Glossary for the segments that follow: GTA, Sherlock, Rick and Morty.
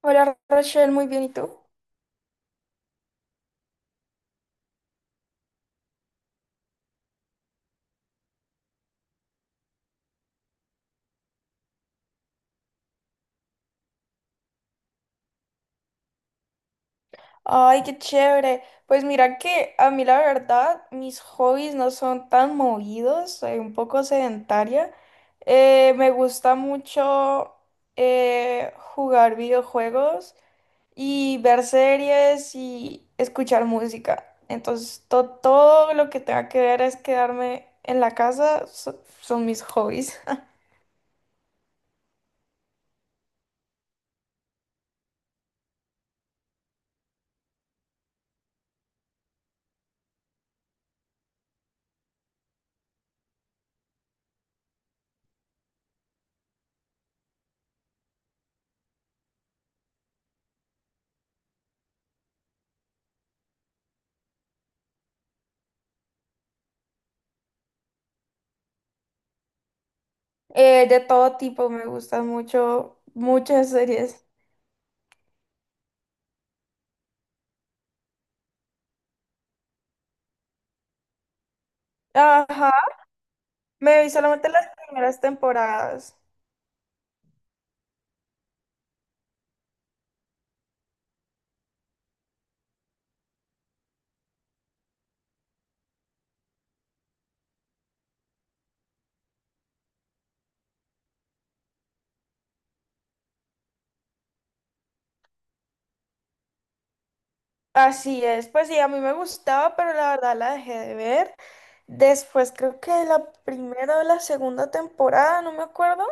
Hola Rachel, muy bien, ¿y tú? Ay, qué chévere. Pues mira que a mí la verdad mis hobbies no son tan movidos, soy un poco sedentaria. Me gusta mucho jugar videojuegos y ver series y escuchar música. Entonces todo lo que tenga que ver es quedarme en la casa, son mis hobbies. De todo tipo, me gustan mucho, muchas series. Ajá. Me vi solamente las primeras temporadas. Así es, pues sí, a mí me gustaba, pero la verdad la dejé de ver. Después creo que la primera o la segunda temporada, no me acuerdo.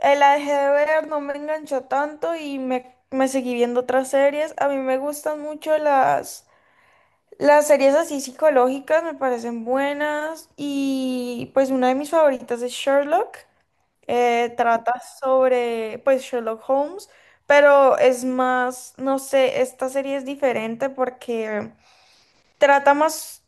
La dejé de ver, no me enganchó tanto y me seguí viendo otras series. A mí me gustan mucho las series así psicológicas, me parecen buenas. Y pues una de mis favoritas es Sherlock. Trata sobre, pues, Sherlock Holmes, pero es más, no sé, esta serie es diferente porque trata más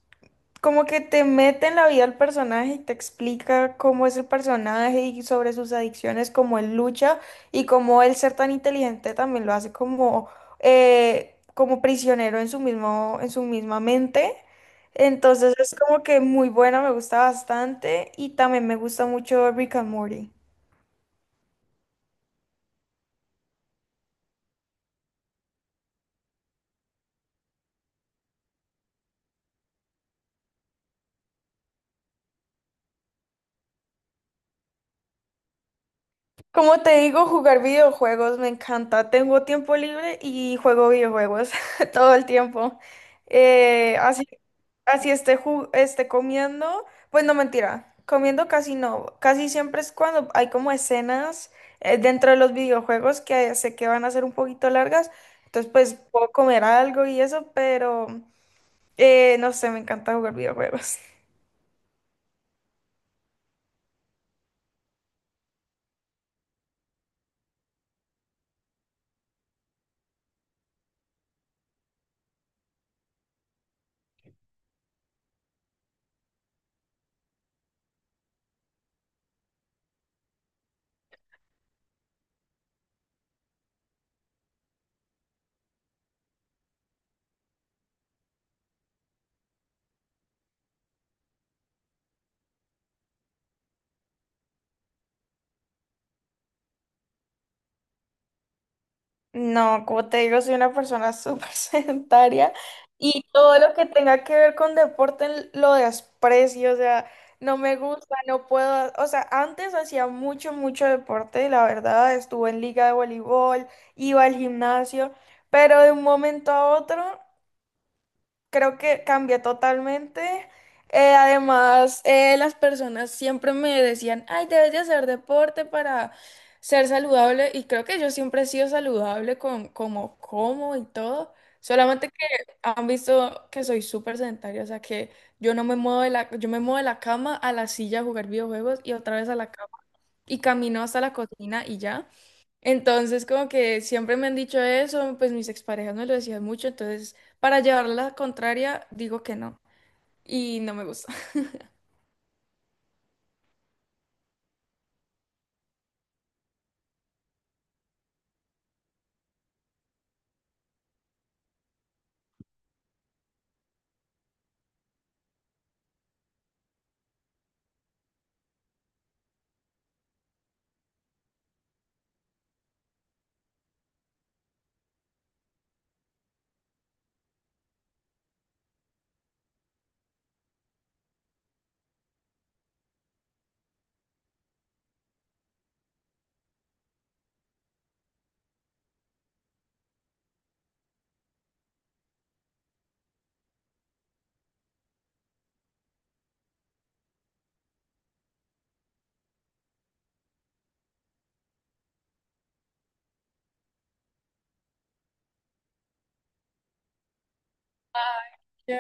como que te mete en la vida del personaje y te explica cómo es el personaje y sobre sus adicciones, cómo él lucha y cómo el ser tan inteligente también lo hace como, como prisionero en su mismo, en su misma mente. Entonces es como que muy buena, me gusta bastante y también me gusta mucho Rick and Morty. Como te digo, jugar videojuegos me encanta. Tengo tiempo libre y juego videojuegos todo el tiempo. Eh, así, así esté, esté comiendo, pues no mentira, comiendo casi no. Casi siempre es cuando hay como escenas dentro de los videojuegos que sé que van a ser un poquito largas. Entonces, pues puedo comer algo y eso, pero no sé, me encanta jugar videojuegos. No, como te digo, soy una persona súper sedentaria y todo lo que tenga que ver con deporte lo desprecio, o sea, no me gusta, no puedo, o sea, antes hacía mucho, mucho deporte, la verdad, estuve en liga de voleibol, iba al gimnasio, pero de un momento a otro creo que cambié totalmente. Las personas siempre me decían, ay, debes de hacer deporte para ser saludable. Y creo que yo siempre he sido saludable con como como y todo. Solamente que han visto que soy súper sedentaria, o sea que yo no me muevo de la, yo me muevo de la cama a la silla a jugar videojuegos y otra vez a la cama y camino hasta la cocina y ya. Entonces, como que siempre me han dicho eso, pues mis exparejas me lo decían mucho, entonces para llevarla la contraria digo que no y no me gusta. Ya.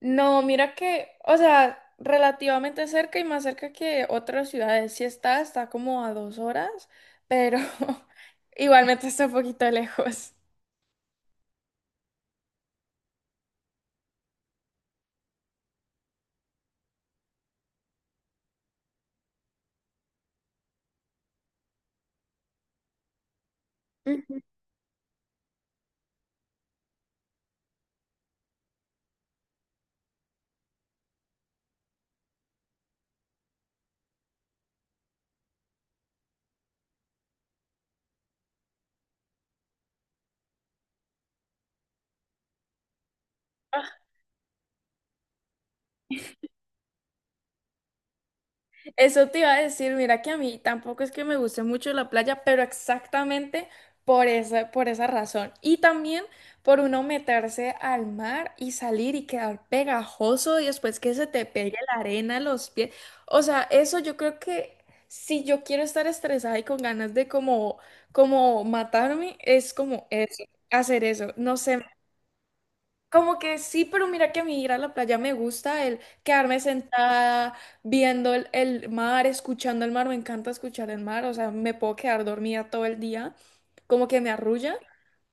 No, mira que, o sea, relativamente cerca y más cerca que otras ciudades, sí está, está como a 2 horas, pero igualmente está un poquito lejos. Ujú. Eso te iba a decir, mira que a mí tampoco es que me guste mucho la playa, pero exactamente por esa razón. Y también por uno meterse al mar y salir y quedar pegajoso y después que se te pegue la arena a los pies. O sea, eso yo creo que si yo quiero estar estresada y con ganas de como, como matarme, es como eso, hacer eso. No sé. Como que sí, pero mira que a mí ir a la playa me gusta, el quedarme sentada viendo el mar, escuchando el mar, me encanta escuchar el mar, o sea, me puedo quedar dormida todo el día, como que me arrulla,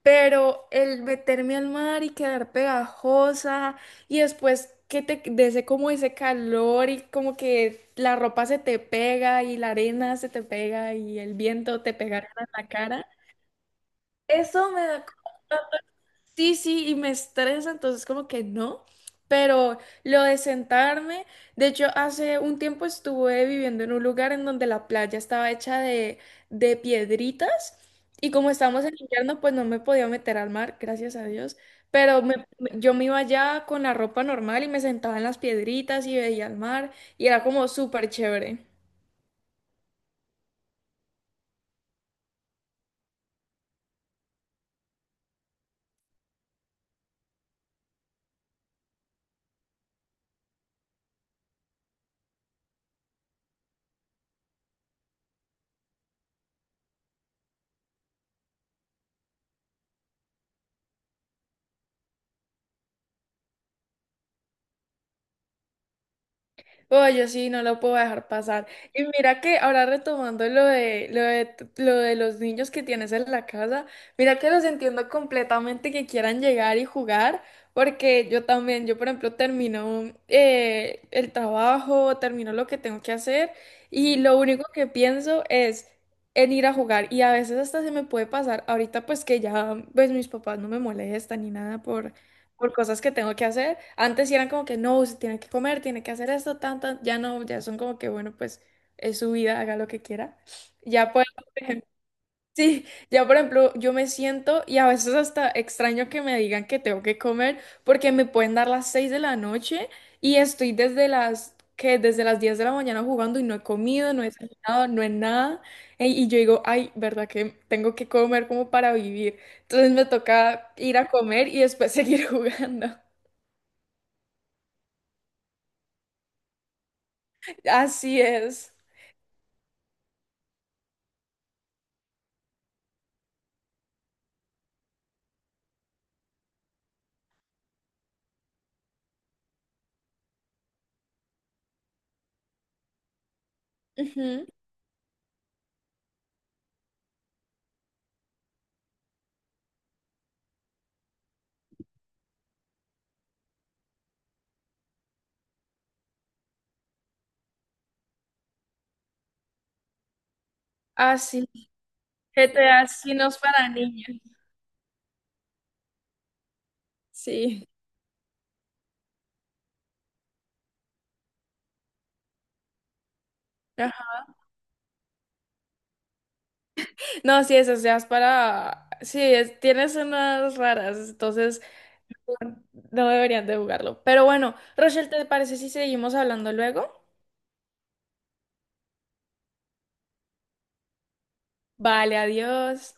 pero el meterme al mar y quedar pegajosa y después que te de como ese calor y como que la ropa se te pega y la arena se te pega y el viento te pega en la cara. Eso me da. Sí, sí, y me estresa, entonces como que no, pero lo de sentarme, de hecho hace un tiempo estuve viviendo en un lugar en donde la playa estaba hecha de piedritas y como estábamos en invierno pues no me podía meter al mar, gracias a Dios, pero yo me iba allá con la ropa normal y me sentaba en las piedritas y veía el mar y era como súper chévere. Oye, sí, no lo puedo dejar pasar. Y mira que ahora retomando lo de los niños que tienes en la casa, mira que los entiendo completamente que quieran llegar y jugar, porque yo también, yo por ejemplo termino el trabajo, termino lo que tengo que hacer y lo único que pienso es en ir a jugar y a veces hasta se me puede pasar, ahorita pues que ya pues mis papás no me molestan ni nada por cosas que tengo que hacer. Antes sí eran como que no, se tiene que comer, tiene que hacer esto, tanto, ya no, ya son como que bueno, pues es su vida, haga lo que quiera. Ya puedo, por... Sí, ya por ejemplo, yo me siento y a veces hasta extraño que me digan que tengo que comer porque me pueden dar las 6 de la noche y estoy desde las 10 de la mañana jugando y no he comido, no he desayunado, no he nada. Y yo digo, ay, ¿verdad que tengo que comer como para vivir? Entonces me toca ir a comer y después seguir jugando. Así es. Ujú. Así. GTA sí no es para niños. Sí. No, sí, esas ya es para... Sí, tienes unas raras, entonces no deberían de jugarlo. Pero bueno, Rochelle, ¿te parece si seguimos hablando luego? Vale, adiós.